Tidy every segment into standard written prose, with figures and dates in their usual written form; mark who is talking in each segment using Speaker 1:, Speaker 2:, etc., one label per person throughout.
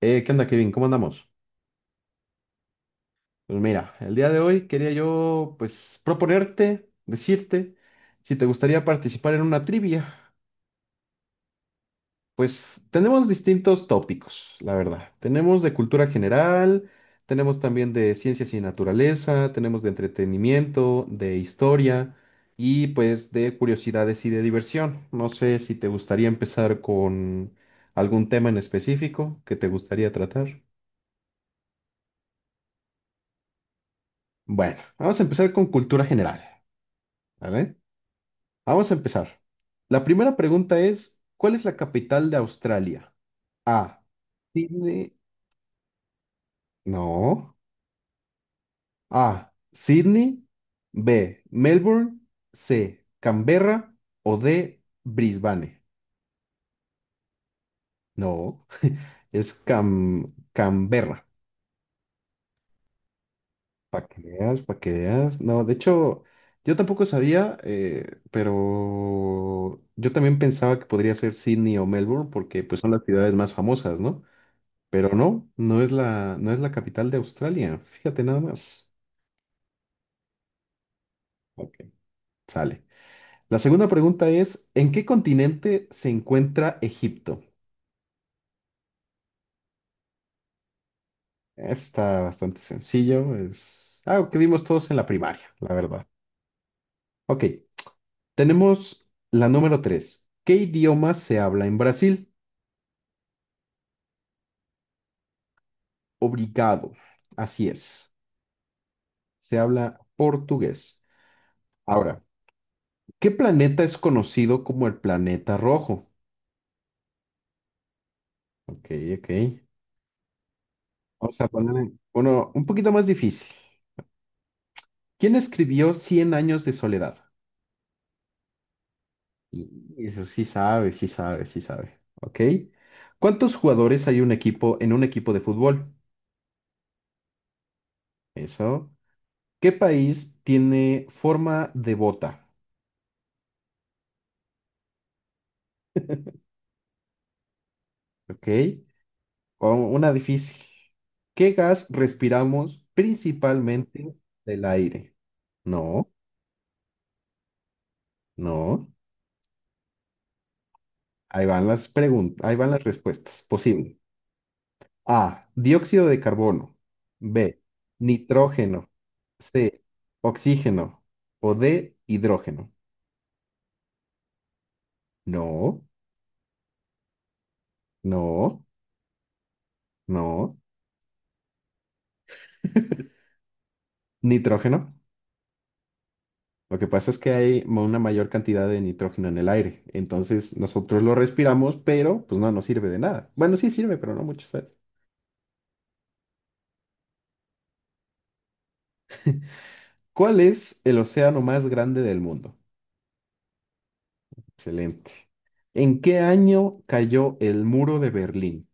Speaker 1: ¿Qué onda, Kevin? ¿Cómo andamos? Pues mira, el día de hoy quería yo, pues, proponerte, decirte, si te gustaría participar en una trivia. Pues tenemos distintos tópicos, la verdad. Tenemos de cultura general, tenemos también de ciencias y naturaleza, tenemos de entretenimiento, de historia y pues de curiosidades y de diversión. No sé si te gustaría empezar con algún tema en específico que te gustaría tratar. Bueno, vamos a empezar con cultura general, ¿vale? Vamos a empezar. La primera pregunta es, ¿cuál es la capital de Australia? A. Sydney. No. A. Sydney. B. Melbourne. C. Canberra. O D. Brisbane. No. Es Canberra. Para que veas, para que veas. No, de hecho, yo tampoco sabía, pero yo también pensaba que podría ser Sydney o Melbourne porque pues son las ciudades más famosas, ¿no? Pero no, no es la capital de Australia. Fíjate nada más. Ok, sale. La segunda pregunta es, ¿en qué continente se encuentra Egipto? Está bastante sencillo, es algo que vimos todos en la primaria, la verdad. Ok, tenemos la número tres. ¿Qué idioma se habla en Brasil? Obrigado. Así es, se habla portugués. Ahora, ¿qué planeta es conocido como el planeta rojo? Ok, ok. O sea, poner uno un poquito más difícil. ¿Quién escribió Cien años de soledad? Y eso sí sabe, sí sabe, sí sabe. ¿Ok? ¿Cuántos jugadores hay un equipo en un equipo de fútbol? Eso. ¿Qué país tiene forma de bota? ¿Ok? Una difícil. ¿Qué gas respiramos principalmente del aire? No, no. Ahí van las preguntas, ahí van las respuestas posibles. A. Dióxido de carbono. B. Nitrógeno. C. Oxígeno. O D. Hidrógeno. No, no, no. Nitrógeno. Lo que pasa es que hay una mayor cantidad de nitrógeno en el aire. Entonces nosotros lo respiramos, pero pues no nos sirve de nada. Bueno, sí sirve, pero no mucho, ¿sabes? ¿Cuál es el océano más grande del mundo? Excelente. ¿En qué año cayó el muro de Berlín?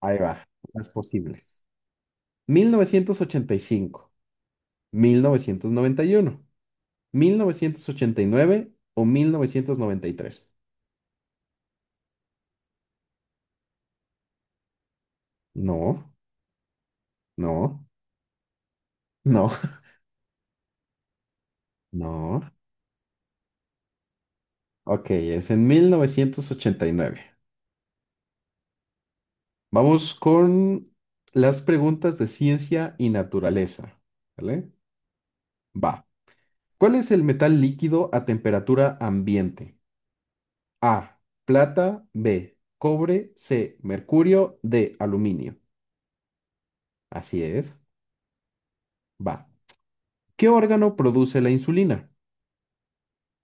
Speaker 1: Ahí va, las posibles. Mil novecientos ochenta y cinco, 1991, 1989 o 1993. No, no, no, no. Ok, es en 1989. Vamos con las preguntas de ciencia y naturaleza. ¿Vale? Va. ¿Cuál es el metal líquido a temperatura ambiente? A. Plata. B. Cobre. C. Mercurio. D. Aluminio. Así es. Va. ¿Qué órgano produce la insulina?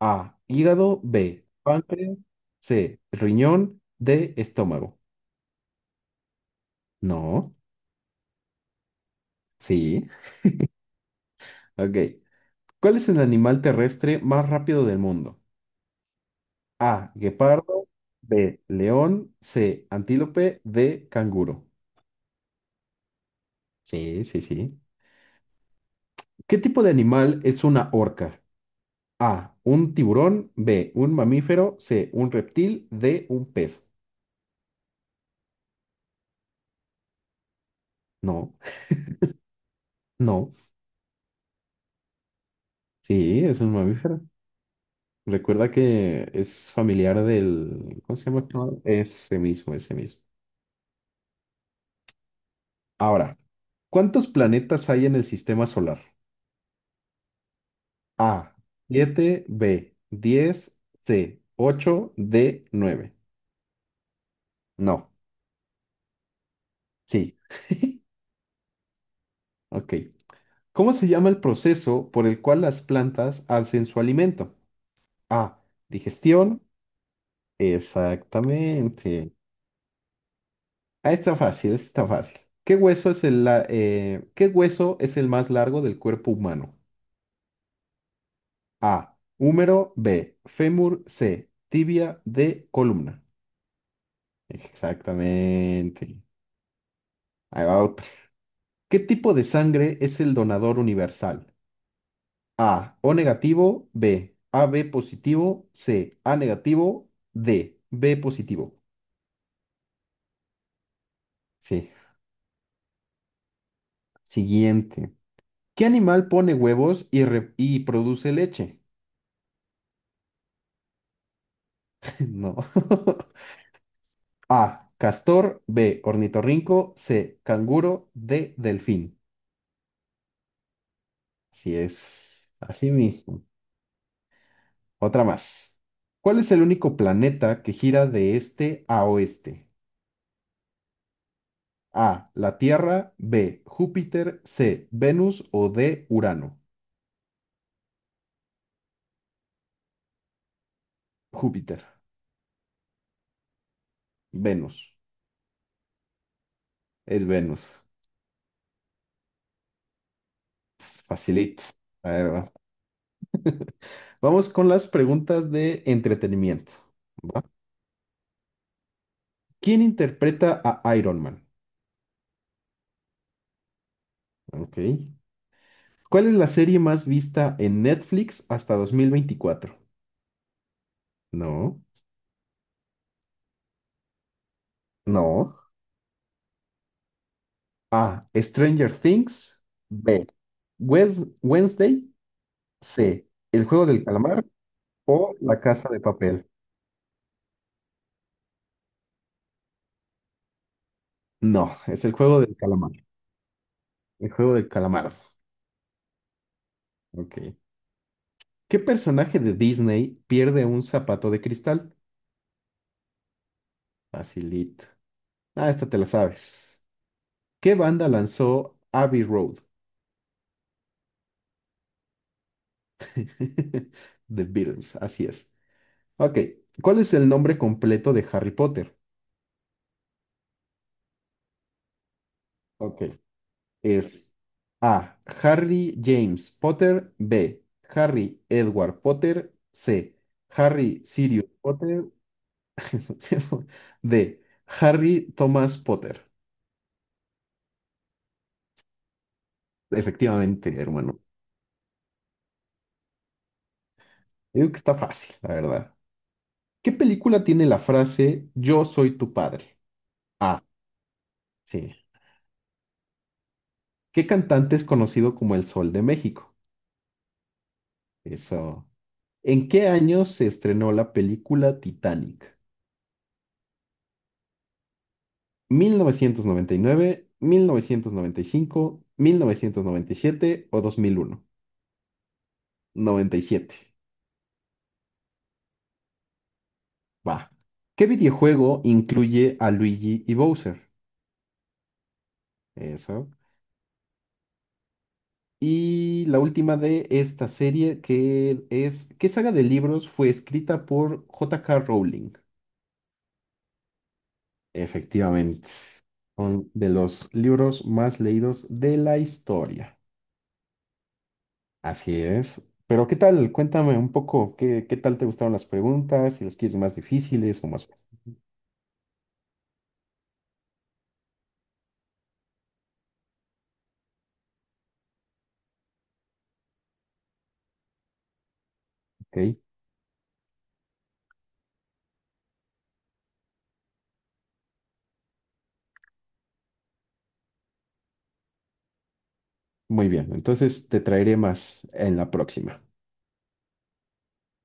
Speaker 1: A, hígado, B, páncreas, C, riñón, D, estómago. No, sí, ok. ¿Cuál es el animal terrestre más rápido del mundo? A, guepardo, B, león, C, antílope, D, canguro. Sí, sí, sí. ¿Qué tipo de animal es una orca? A, un tiburón, B, un mamífero, C, un reptil, D, un pez. No, no, sí, es un mamífero. Recuerda que es familiar del... ¿Cómo se llama? Este mago. Ese mismo, ese mismo. Ahora, ¿cuántos planetas hay en el sistema solar? A, 7, B, 10, C, 8, D, 9. No, sí. Ok. ¿Cómo se llama el proceso por el cual las plantas hacen su alimento? A, digestión. Exactamente. Ah, está fácil, está fácil. ¿Qué hueso es el más largo del cuerpo humano? A. Húmero. B. Fémur. C. Tibia. D. Columna. Exactamente. Ahí va otra. ¿Qué tipo de sangre es el donador universal? A. O negativo. B. AB positivo. C. A negativo. D. B positivo. Sí. Siguiente. ¿Qué animal pone huevos y, y produce leche? No. A. Castor. B. Ornitorrinco. C. Canguro. D. Delfín. Así es, así mismo. Otra más. ¿Cuál es el único planeta que gira de este a oeste? A, la Tierra, B, Júpiter, C, Venus o D, Urano. Júpiter, Venus, es Venus. Facilito, la verdad. Vamos con las preguntas de entretenimiento. ¿Va? ¿Quién interpreta a Iron Man? Ok. ¿Cuál es la serie más vista en Netflix hasta 2024? No, no. A. Stranger Things. B. Wednesday. C. El juego del calamar o La casa de papel. No, es el juego del calamar. El juego del calamar. Ok. ¿Qué personaje de Disney pierde un zapato de cristal? Facilito. Ah, esta te la sabes. ¿Qué banda lanzó Abbey Road? The Beatles, así es. Ok. ¿Cuál es el nombre completo de Harry Potter? Ok, es A. Harry James Potter. B. Harry Edward Potter. C. Harry Sirius Potter. D. Harry Thomas Potter. Efectivamente, hermano. Yo digo que está fácil, la verdad. ¿Qué película tiene la frase Yo soy tu padre? A. Sí. ¿Qué cantante es conocido como El Sol de México? Eso. ¿En qué año se estrenó la película Titanic? mil mil mil novecientos noventa y nueve cinco, 1997 o 2001. 97. Va. ¿Qué videojuego incluye a Luigi y Bowser? Eso. Y la última de esta serie que es, ¿qué saga de libros fue escrita por J.K. Rowling? Efectivamente. Son de los libros más leídos de la historia. Así es. Pero ¿qué tal? Cuéntame un poco, ¿qué tal te gustaron las preguntas? Si las quieres más difíciles o más fáciles. Ok, muy bien. Entonces te traeré más en la próxima.